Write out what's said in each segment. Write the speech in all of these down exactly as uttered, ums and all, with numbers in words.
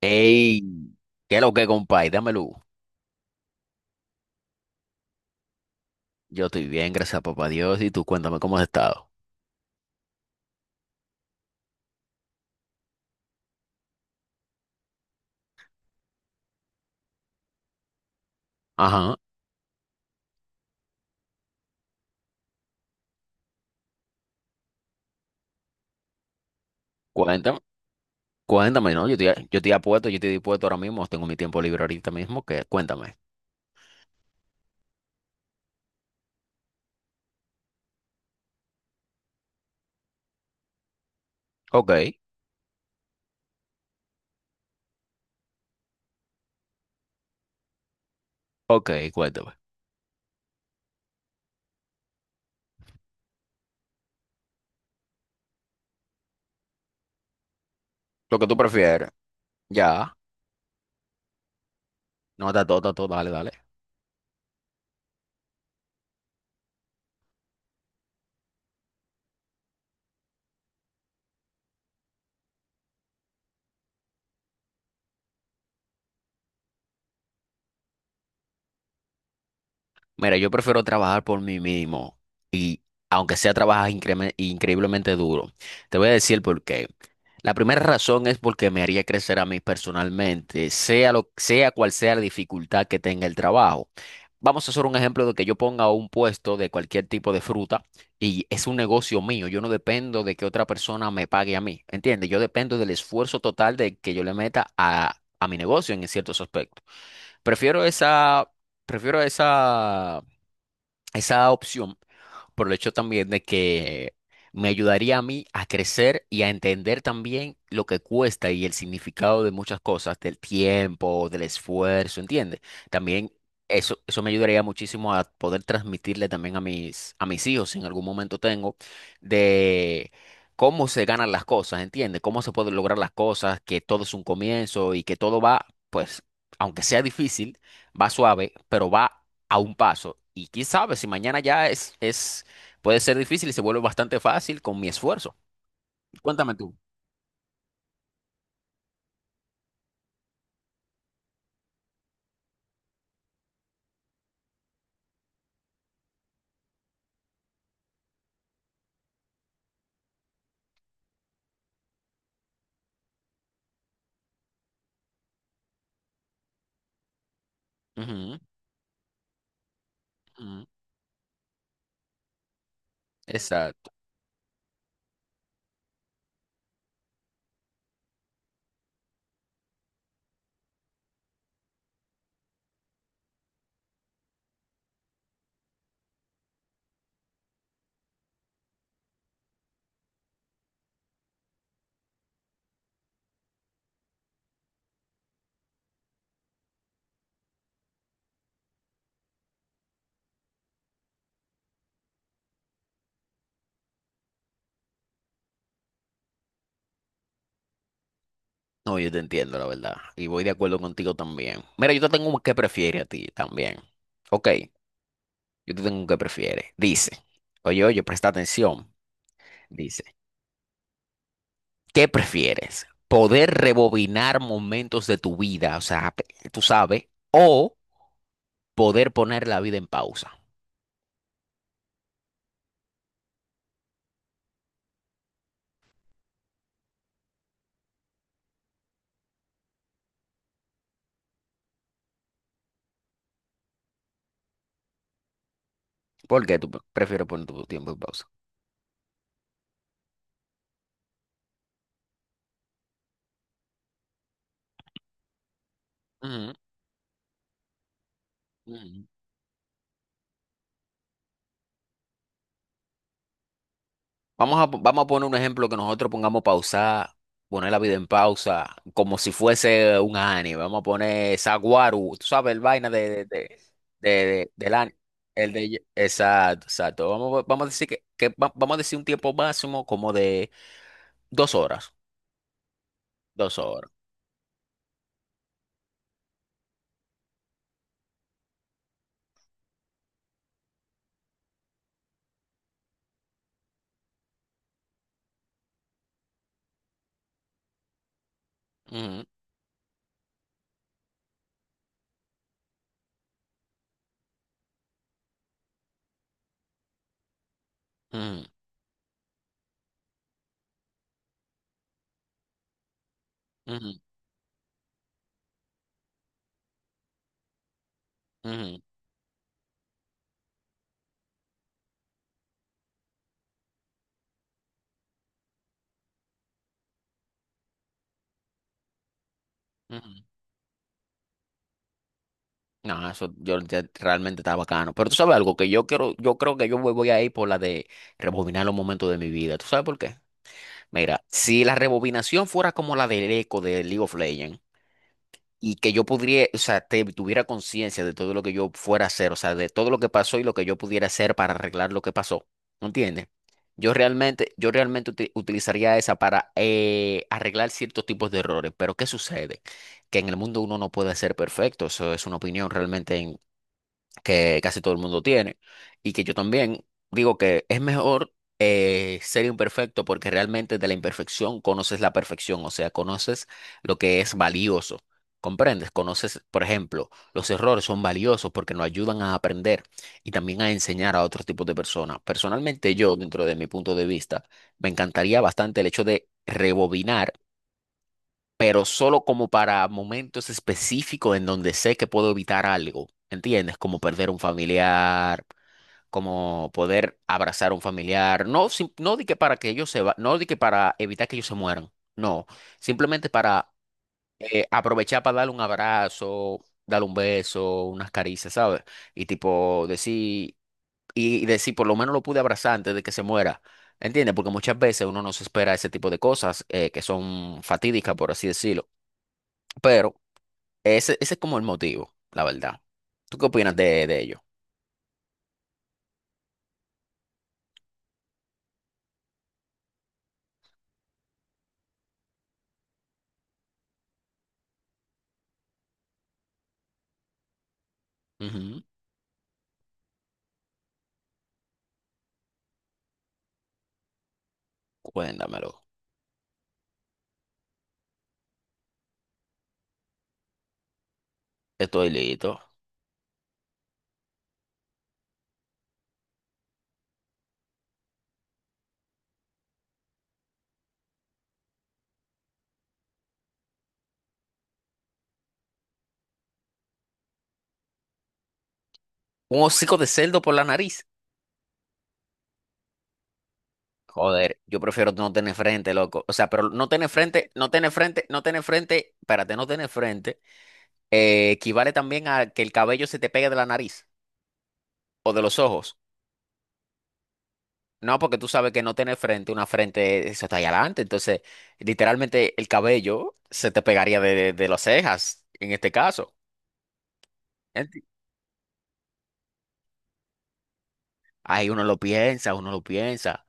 Ey, ¿qué es lo que, compadre? Dámelo. Yo estoy bien, gracias a papá Dios. Y tú cuéntame cómo has estado. Ajá, cuéntame, cuéntame, ¿no? Yo estoy, yo estoy apuesto, yo estoy dispuesto ahora mismo. Tengo mi tiempo libre ahorita mismo, que cuéntame. Ok, ok, cuéntame. Lo que tú prefieres. Ya, no, está todo, está todo, dale, dale. Mira, yo prefiero trabajar por mí mismo y aunque sea trabajar increme- increíblemente duro, te voy a decir el porqué. La primera razón es porque me haría crecer a mí personalmente, sea lo, sea cual sea la dificultad que tenga el trabajo. Vamos a hacer un ejemplo de que yo ponga un puesto de cualquier tipo de fruta y es un negocio mío. Yo no dependo de que otra persona me pague a mí, ¿entiendes? Yo dependo del esfuerzo total de que yo le meta a, a mi negocio en ciertos aspectos. Prefiero esa. Prefiero esa, esa opción por el hecho también de que me ayudaría a mí a crecer y a entender también lo que cuesta y el significado de muchas cosas, del tiempo, del esfuerzo, ¿entiendes? También eso, eso me ayudaría muchísimo a poder transmitirle también a mis, a mis hijos, si en algún momento tengo, de cómo se ganan las cosas, ¿entiendes? Cómo se pueden lograr las cosas, que todo es un comienzo y que todo va, pues, aunque sea difícil, va suave, pero va a un paso. Y quién sabe si mañana ya es, es, puede ser difícil y se vuelve bastante fácil con mi esfuerzo. Cuéntame tú. Ujú, ujú. Exacto. No, yo te entiendo, la verdad. Y voy de acuerdo contigo también. Mira, yo te tengo un que prefiere a ti también. Ok, yo te tengo un que prefiere. Dice, oye, oye, presta atención. Dice, ¿qué prefieres? ¿Poder rebobinar momentos de tu vida? O sea, pe- tú sabes, o poder poner la vida en pausa. ¿Por qué tú pre- prefieres poner tu tiempo en pausa? Ujú. Vamos a, vamos a poner un ejemplo que nosotros pongamos pausar, poner la vida en pausa, como si fuese un anime. Vamos a poner Saguaru, tú sabes, el vaina de, de, de- de- de- del anime. El de, exacto, exacto. Vamos, vamos a decir que, que va- vamos a decir un tiempo máximo como de dos horas. Dos horas. Ujú, ujú, ujú, ujú, ujú. No, eso yo ya realmente está bacano. Pero tú sabes algo que yo quiero, yo creo que yo me voy a ir por la de rebobinar los momentos de mi vida. ¿Tú sabes por qué? Mira, si la rebobinación fuera como la del eco de League of Legends y que yo pudiera, o sea, te- tuviera conciencia de todo lo que yo fuera a hacer, o sea, de todo lo que pasó y lo que yo pudiera hacer para arreglar lo que pasó, ¿no entiendes? Yo realmente, yo realmente uti- utilizaría esa para eh, arreglar ciertos tipos de errores, pero ¿qué sucede? Que en el mundo uno no puede ser perfecto, eso es una opinión realmente que casi todo el mundo tiene y que yo también digo que es mejor eh, ser imperfecto porque realmente de la imperfección conoces la perfección, o sea, conoces lo que es valioso. ¿Comprendes? Conoces, por ejemplo, los errores son valiosos porque nos ayudan a aprender y también a enseñar a otros tipos de personas. Personalmente yo, dentro de mi punto de vista, me encantaría bastante el hecho de rebobinar pero solo como para momentos específicos en donde sé que puedo evitar algo, ¿entiendes? Como perder un familiar, como poder abrazar a un familiar, no, sim- no di que para que ellos se va, no di que para evitar que ellos se mueran, no, simplemente para eh, aprovechar para darle un abrazo, darle un beso, unas caricias, ¿sabes? Y tipo decir, y decir, por lo menos lo pude abrazar antes de que se muera. ¿Entiendes? Porque muchas veces uno no se espera ese tipo de cosas eh, que son fatídicas, por así decirlo. Pero ese, ese es como el motivo, la verdad. ¿Tú qué opinas de, de ello? Ujú. Cuéntamelo. Estoy listo. Un hocico de cerdo por la nariz. Joder, yo prefiero no tener frente, loco. O sea, pero no tener frente, no tener frente, no tener frente, espérate, no tener frente, eh, equivale también a que el cabello se te pegue de la nariz o de los ojos. No, porque tú sabes que no tener frente, una frente, eso está allá adelante. Entonces, literalmente el cabello se te pegaría de, de, de las cejas, en este caso. Ahí uno lo piensa, uno lo piensa,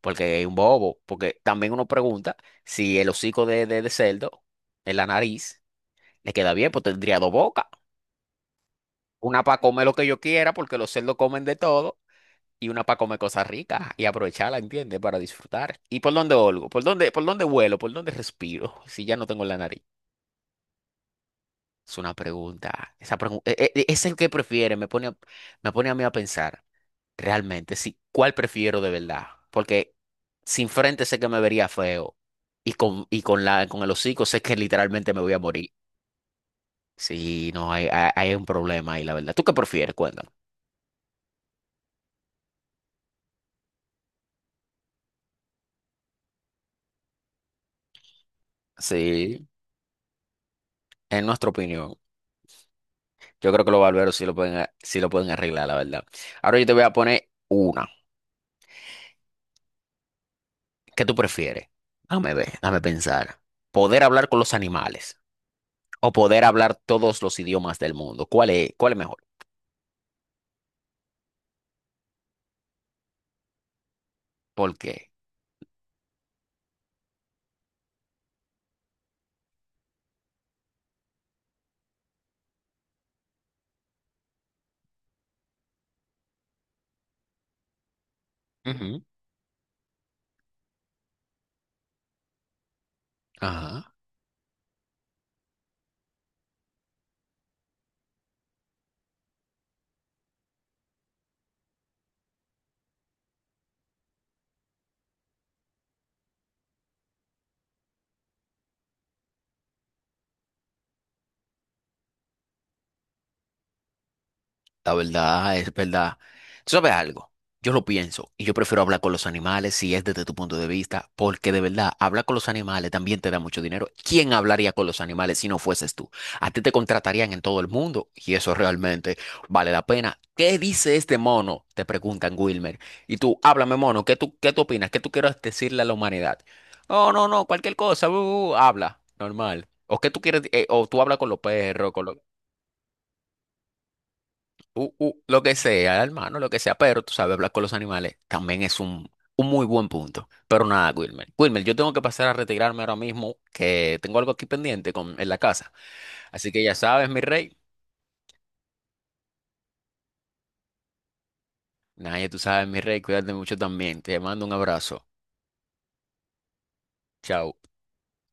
porque es un bobo, porque también uno pregunta si el hocico de, de, de cerdo en la nariz le queda bien, pues tendría dos bocas, una para comer lo que yo quiera, porque los cerdos comen de todo, y una para comer cosas ricas y aprovecharla, ¿entiendes? Para disfrutar. ¿Y por dónde olgo? ¿Por dónde, por dónde vuelo? ¿Por dónde respiro? Si ya no tengo la nariz. Es una pregunta. Esa pregunta es el que prefiere, me pone, a- me pone a mí a pensar. Realmente, sí. ¿Cuál prefiero de verdad? Porque sin frente sé que me vería feo. Y con, y con la, con el hocico sé que literalmente me voy a morir. Sí, no, hay, hay, hay un problema ahí, la verdad. ¿Tú qué prefieres? Cuéntame. Sí, en nuestra opinión. Yo creo que los barberos sí lo pueden, a- sí lo pueden arreglar, la verdad. Ahora yo te voy a poner una. ¿Qué tú prefieres? Dame ver, dame pensar. ¿Poder hablar con los animales o poder hablar todos los idiomas del mundo? ¿Cuál es, cuál es mejor? ¿Por qué? Ujú. Ajá. La verdad es verdad. Tú sabes algo, yo lo pienso y yo prefiero hablar con los animales si es desde tu punto de vista, porque de verdad, hablar con los animales también te da mucho dinero. ¿Quién hablaría con los animales si no fueses tú? A ti te contratarían en todo el mundo y eso realmente vale la pena. ¿Qué dice este mono? Te preguntan Wilmer. Y tú, háblame mono, ¿qué tú, qué tú opinas? ¿Qué tú quieres decirle a la humanidad? No, no, no, cualquier cosa, uh, uh, uh, habla, normal. O qué tú quieres, eh, o tú hablas con los perros, con los u- u- lo que sea, hermano, lo que sea, pero tú sabes, hablar con los animales también es un, un muy buen punto. Pero nada, Wilmer. Wilmer, yo tengo que pasar a retirarme ahora mismo, que tengo algo aquí pendiente con, en la casa. Así que ya sabes, mi rey. Nada Nadie, tú sabes, mi rey, cuídate mucho también. Te mando un abrazo. Chao.